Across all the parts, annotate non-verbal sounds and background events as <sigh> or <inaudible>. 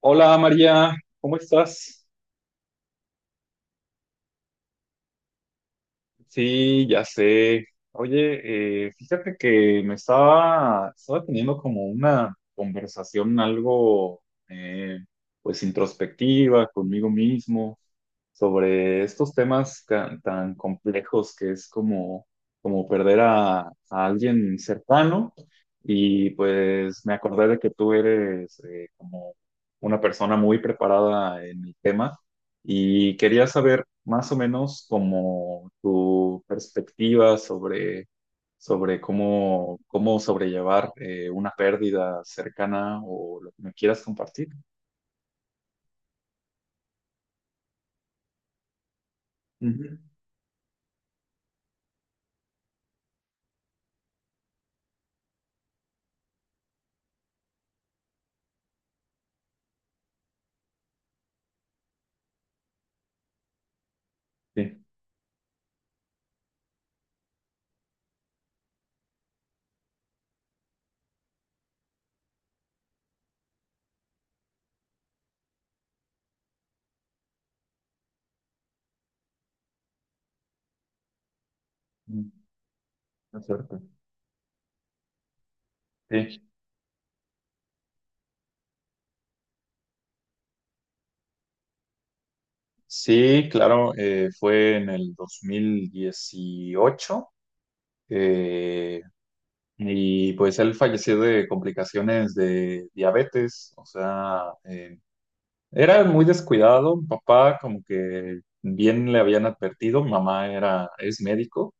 Hola María, ¿cómo estás? Sí, ya sé. Oye, fíjate que me estaba teniendo como una conversación algo, eh, introspectiva conmigo mismo sobre estos temas tan complejos que es como, como perder a alguien cercano y pues me acordé de que tú eres como una persona muy preparada en el tema. Y quería saber más o menos como tu perspectiva sobre cómo, cómo sobrellevar una pérdida cercana o lo que me quieras compartir. Ujú. Sí, mm, es cierto. Sí, sí, claro, fue en el 2018, eh, y pues él falleció de complicaciones de diabetes, o sea, era muy descuidado, mi papá, como que bien le habían advertido, mi mamá era, es médico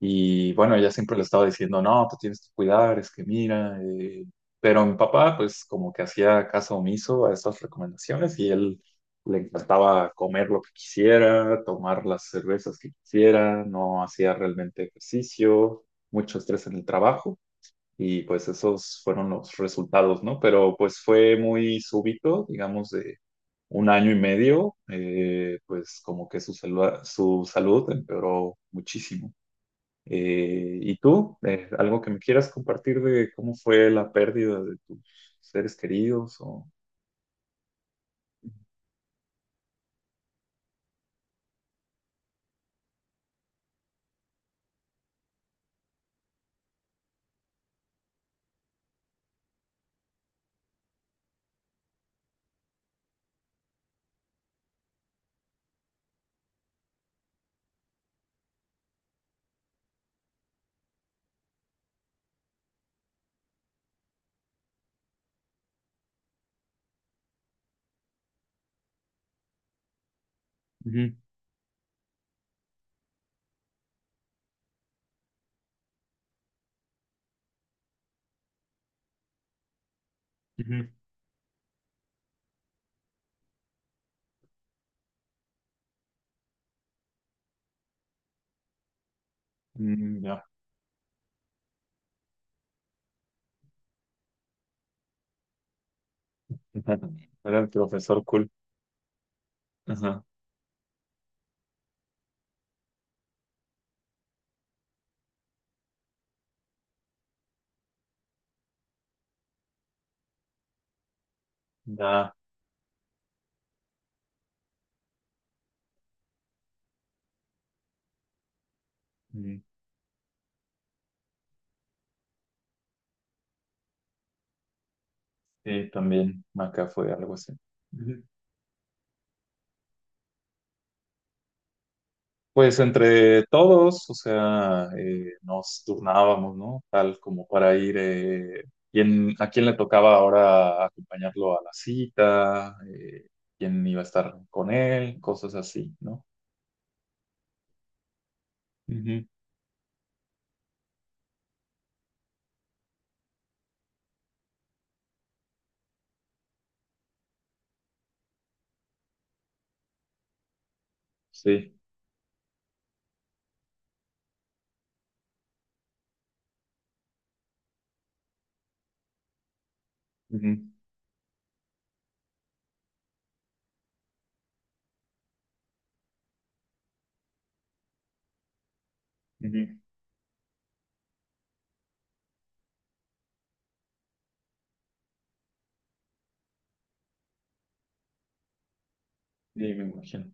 y bueno, ella siempre le estaba diciendo, no, te tienes que cuidar, es que mira, pero mi papá pues como que hacía caso omiso a estas recomendaciones y él le encantaba comer lo que quisiera, tomar las cervezas que quisiera, no hacía realmente ejercicio, mucho estrés en el trabajo. Y pues esos fueron los resultados, ¿no? Pero pues fue muy súbito, digamos, de un año y medio, pues como que su salud empeoró muchísimo. ¿Y tú? ¿Algo que me quieras compartir de cómo fue la pérdida de tus seres queridos? O... Ujú, ujú. Mm, ya. <laughs> Era el profesor cool. Ajá. Ya. Mm, sí, también acá fue algo así. Ujú. Pues entre todos, o sea, nos turnábamos, ¿no? Tal como para ir, a quién le tocaba ahora acompañarlo a la cita, quién iba a estar con él, cosas así, ¿no? Ujú, sí. Ujú, ujú, sí, me imagino.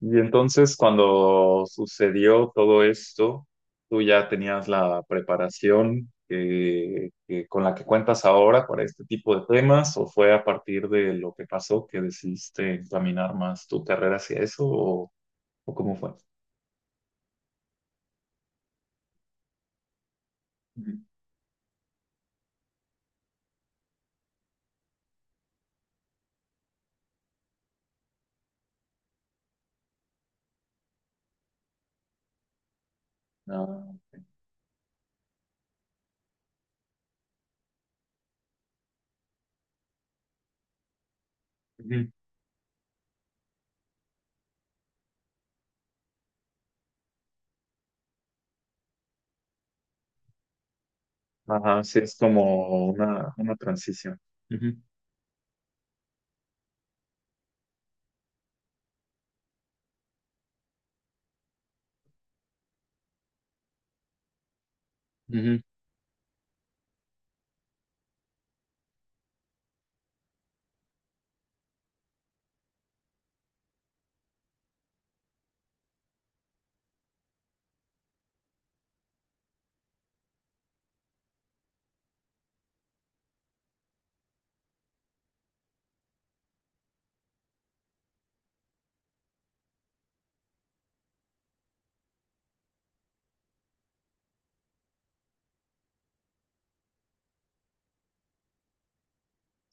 Y entonces cuando sucedió todo esto, tú ya tenías la preparación que con la que cuentas ahora para este tipo de temas, ¿o fue a partir de lo que pasó que decidiste encaminar más tu carrera hacia eso, o cómo fue? Ujú. Ah, ujú. Ajá, sí, es como una transición. Ujú, ujú.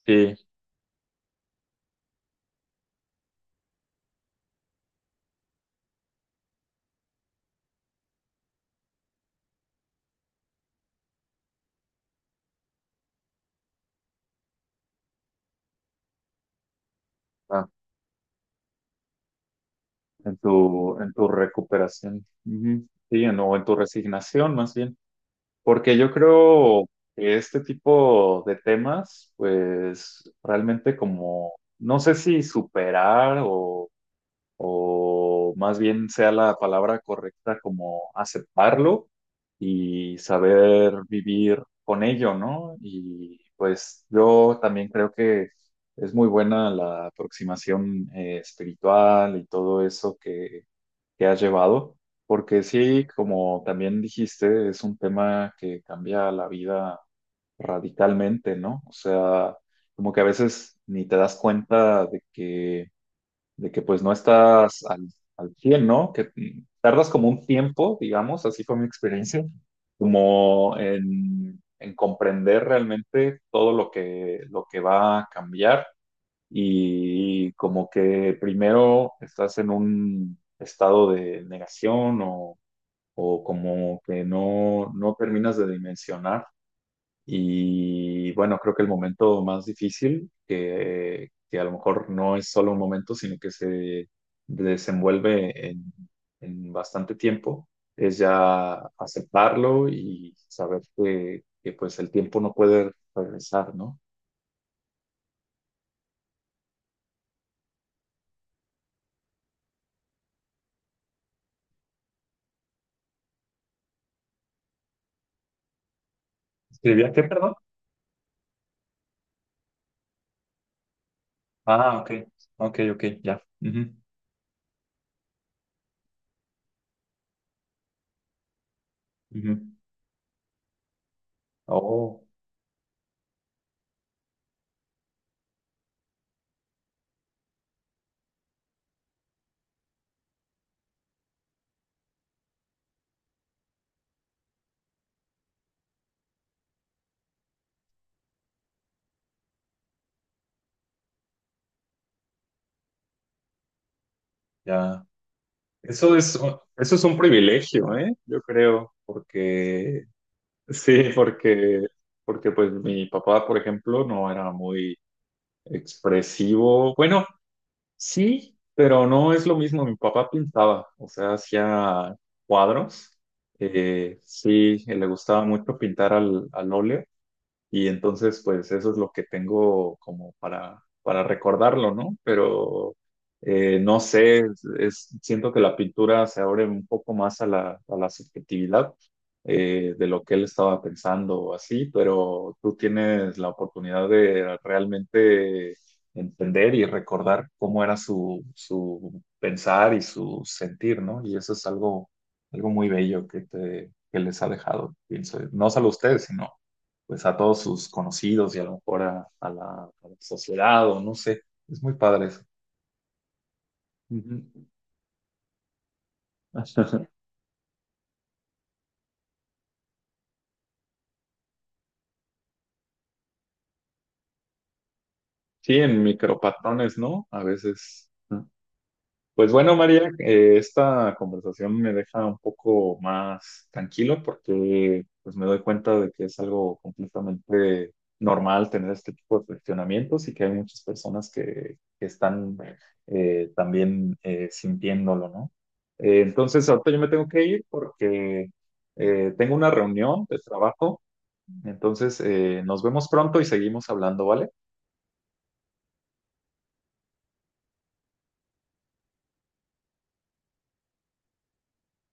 Sí, ah, en tu recuperación. Ujú. Sí, en- o en tu resignación más bien. Porque yo creo que este tipo de temas, pues realmente como, no sé si superar o más bien sea la palabra correcta, como aceptarlo y saber vivir con ello, ¿no? Y pues yo también creo que es muy buena la aproximación espiritual y todo eso que has llevado, porque sí, como también dijiste, es un tema que cambia la vida radicalmente, ¿no? O sea, como que a veces ni te das cuenta de que pues no estás al, al 100, ¿no? Que mm, tardas como un tiempo, digamos, así fue mi experiencia, como en comprender realmente todo lo que va a cambiar y como que primero estás en un estado de negación o como que no, no terminas de dimensionar. Y bueno, creo que el momento más difícil, que a lo mejor no es solo un momento, sino que se desenvuelve en bastante tiempo, es ya aceptarlo y saber que pues el tiempo no puede regresar, ¿no? ¿Escribía qué, perdón? Ah, ok, ok, ok, ya. Ujú, ujú. Oh, ya. Eso es, oh, eso es un privilegio, ¿eh? Yo creo, porque, <laughs> sí, porque, porque pues mi papá, por ejemplo, no era muy expresivo. Bueno, sí, pero no es lo mismo. Mi papá pintaba, o sea, hacía cuadros. Sí, le gustaba mucho pintar al, al óleo. Y entonces, pues eso es lo que tengo como para recordarlo, ¿no? Pero no sé, es- siento que la pintura se abre un poco más a la subjetividad de lo que él estaba pensando o así, pero tú tienes la oportunidad de realmente entender y recordar cómo era su, su pensar y su sentir, ¿no? Y eso es algo, algo muy bello que te, que les ha dejado, pienso. No solo a ustedes, sino pues a todos sus conocidos y a lo mejor a la sociedad o no sé. Es muy padre eso. Ujú. <laughs> Sí, en micropatrones, ¿no? A veces. Pues bueno, María, esta conversación me deja un poco más tranquilo porque pues me doy cuenta de que es algo completamente normal tener este tipo de cuestionamientos y que hay muchas personas que están también sintiéndolo, ¿no? Entonces, ahorita yo me tengo que ir porque tengo una reunión de trabajo, entonces nos vemos pronto y seguimos hablando, ¿vale?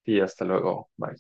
Y hasta luego, bye.